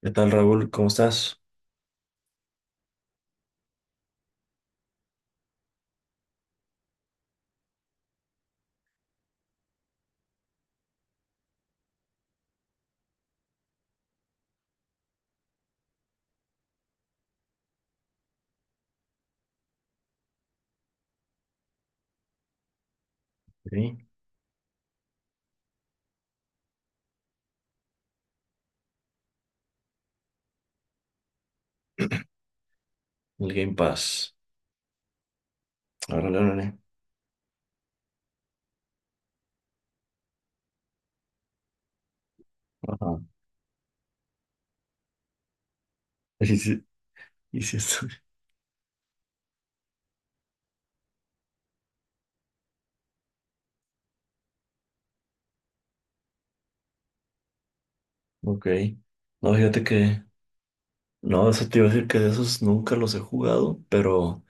¿Qué tal, Raúl? ¿Cómo estás? Sí, el Game Pass. Órale, órale. Ajá. Sí, sí, y sí estoy. Ok. No, fíjate que. No, eso te iba a decir que de esos nunca los he jugado, pero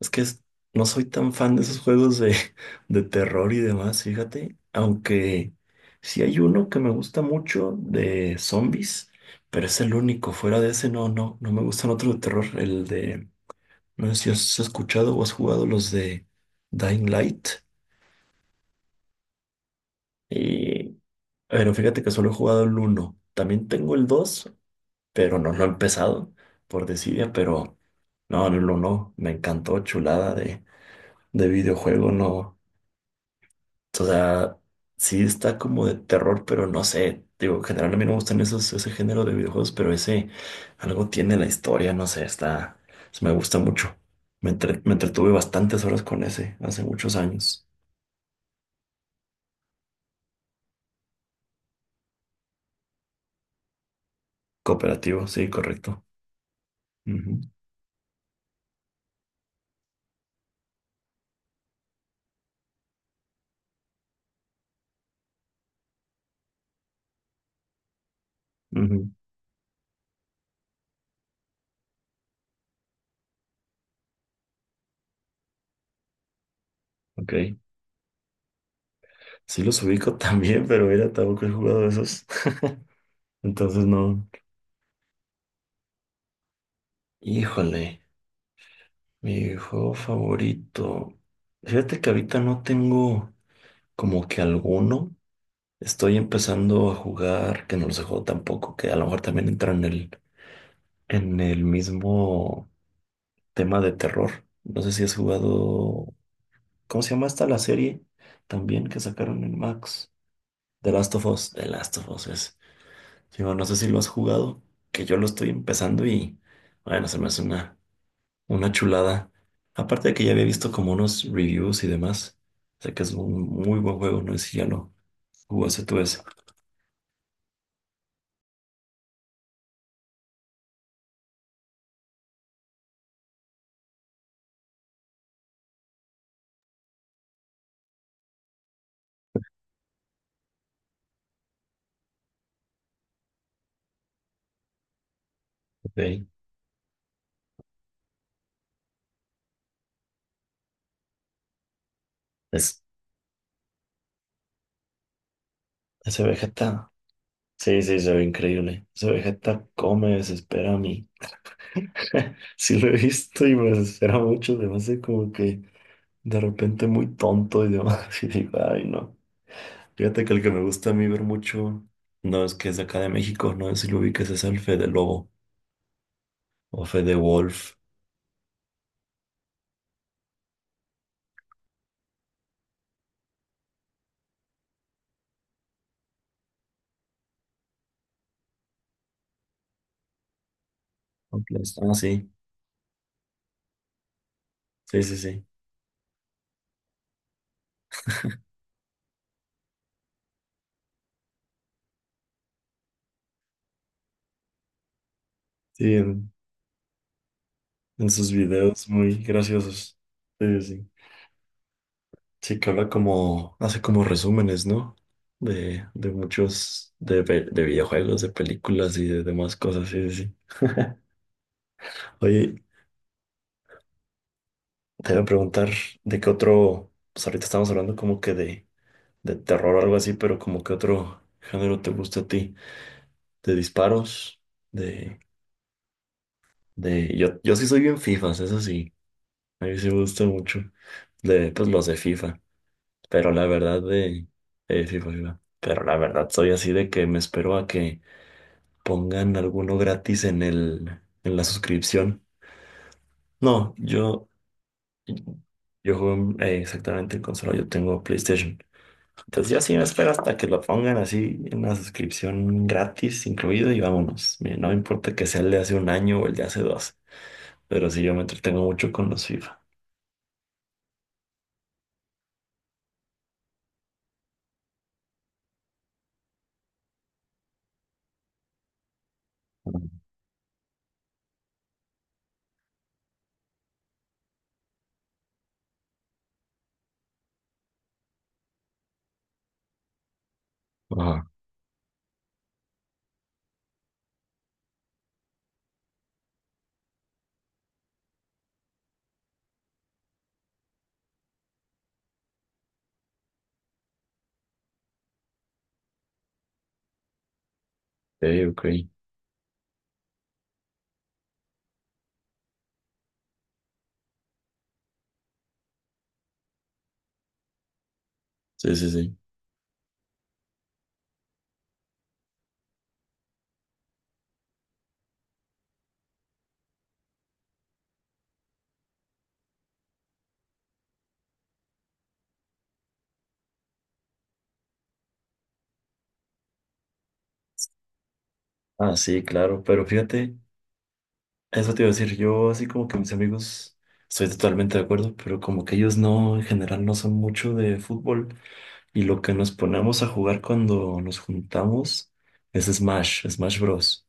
es que no soy tan fan de esos juegos de, de terror y demás, fíjate. Aunque sí hay uno que me gusta mucho de zombies, pero es el único. Fuera de ese, no, no, no me gustan otros de terror. El de. No sé si has escuchado o has jugado los de Dying Light. Y, pero fíjate que solo he jugado el uno. También tengo el dos, pero no lo he empezado por desidia, pero no, el uno me encantó, chulada de videojuego, no. O sea, sí está como de terror, pero no sé. Digo, en general a mí no me gustan esos, ese género de videojuegos, pero ese algo tiene la historia, no sé, está, me gusta mucho. Me entretuve bastantes horas con ese hace muchos años. Cooperativo, sí, correcto. Ujú, ujú, ok. Sí los ubico también, pero mira, tampoco he jugado esos. Entonces no. Híjole, mi juego favorito. Fíjate que ahorita no tengo como que alguno. Estoy empezando a jugar, que no los he jugado tampoco, que a lo mejor también entra en el, mismo tema de terror. No sé si has jugado. ¿Cómo se llama esta la serie? También que sacaron en Max. The Last of Us. The Last of Us es. Digo, no sé si lo has jugado, que yo lo estoy empezando y bueno, se me hace una chulada. Aparte de que ya había visto como unos reviews y demás, sé que es un muy buen juego, no sé si ya lo jugaste tú ese. Ok. Es, Ese Vegeta, sí, sí, se ve increíble. Ese Vegeta come, desespera a mí. Sí lo he visto y me desespera mucho, se me hace como que de repente muy tonto y demás, y digo, ay no. Fíjate que el que me gusta a mí ver mucho no es que es de acá de México, no sé si lo ubiques es el Fede Lobo o Fede Wolf. Ok. Ah, sí, sí, sí, sí. Sí, en sus videos muy graciosos. Sí, sí, sí. Sí, que habla como, hace como resúmenes, ¿no? De muchos, de videojuegos, de películas y de demás cosas, sí, sí, sí. Oye, te voy a preguntar de qué otro, pues ahorita estamos hablando como que de terror o algo así, pero como qué otro género te gusta a ti. De disparos, de, yo sí soy bien FIFAs, eso sí, a mí sí me gusta mucho, pues los de FIFA, pero la verdad FIFA, FIFA, pero la verdad soy así de que me espero a que pongan alguno gratis en el, en la suscripción. No, yo juego exactamente en consola, yo tengo PlayStation, entonces yo sí me espero hasta que lo pongan así en la suscripción gratis incluido y vámonos. Mira, no me importa que sea el de hace un año o el de hace dos. Pero sí, yo me entretengo mucho con los FIFA. Ajá, ok, ok. Sí, sí, sí. Ah, sí, claro. Pero fíjate, eso te iba a decir, yo así como que mis amigos, estoy totalmente de acuerdo, pero como que ellos no, en general no son mucho de fútbol. Y lo que nos ponemos a jugar cuando nos juntamos es Smash, Smash Bros.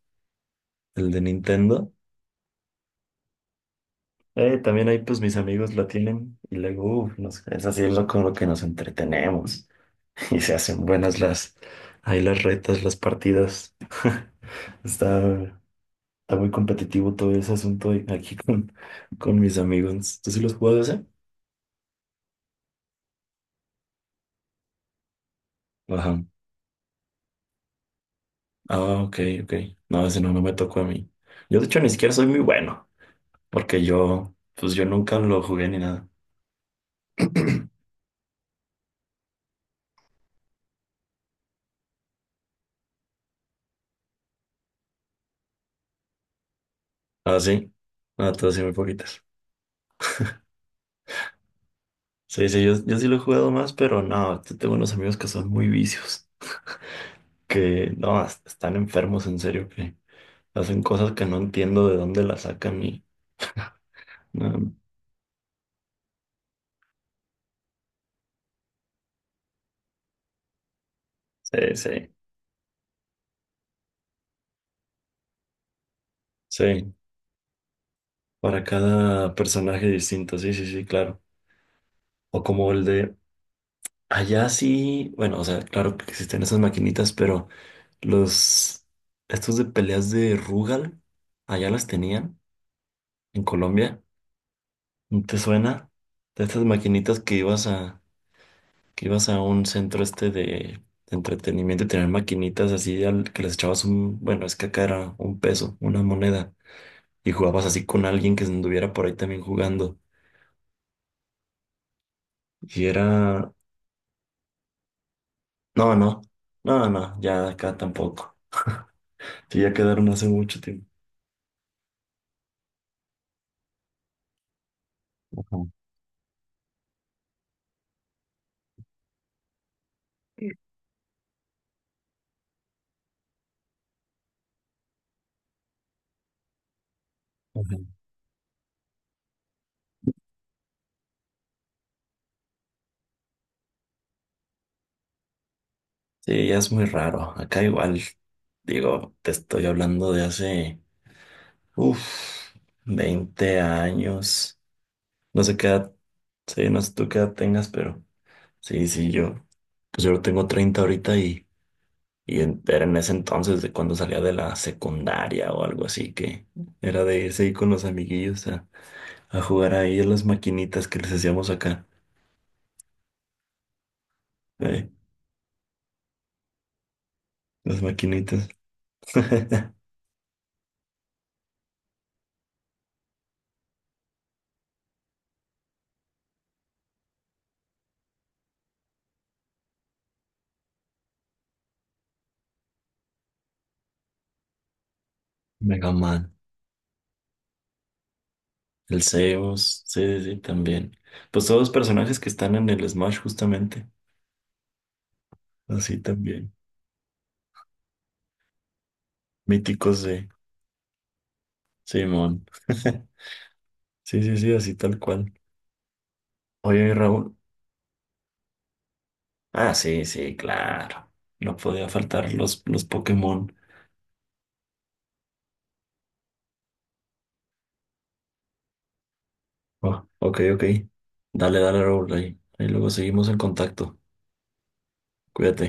El de Nintendo. También ahí pues mis amigos la tienen y luego uf, es así lo, con lo que nos entretenemos. Y se hacen buenas ahí las retas, las partidas. Está, está muy competitivo todo ese asunto aquí con mis amigos. ¿Tú sí los juegas ese? Ajá. Ah, ok, ok. No, ese no me tocó a mí. Yo, de hecho, ni siquiera soy muy bueno, porque pues yo nunca lo jugué ni nada. Ah, sí. Ah, todas sí, muy poquitas. Sí, sí, yo sí lo he jugado más, pero no, tengo unos amigos que son muy vicios, que no, están enfermos, en serio, que hacen cosas que no entiendo de dónde las sacan y. No, sí, sí, sí. Para cada personaje distinto, sí, sí, sí, claro. O como el de allá sí, bueno, o sea, claro que existen esas maquinitas, pero los, estos de peleas de Rugal, allá las tenían en Colombia. ¿No? ¿Te suena? De estas maquinitas que ibas a un centro este de, entretenimiento y tenían maquinitas así al que les echabas un, bueno, es que acá era un peso, una moneda, y jugabas así con alguien que anduviera por ahí también jugando. Y era. No, no, no, no, ya acá tampoco. Sí, ya quedaron hace mucho tiempo. Ajá. Ujú. Sí, ya es muy raro. Acá igual, digo, te estoy hablando de hace, uff, 20 años. No sé qué edad, sí, no sé tú qué edad tengas, pero sí, sí, pues yo tengo 30 ahorita y era en ese entonces de cuando salía de la secundaria o algo así, que era de irse ahí con los amiguillos a jugar ahí a las maquinitas que les hacíamos acá. Eh, Las maquinitas. Mega Man. El Zeus. Sí, sí, sí, también. Pues todos los personajes que están en el Smash, justamente. Así también. Míticos de Simón. Sí, sí, sí, así tal cual. Oye, Raúl. Ah, sí, sí, claro. No podía faltar los Pokémon. Oh, ok, ok. Dale, dale, Raúl. Ahí, ahí luego seguimos en contacto. Cuídate.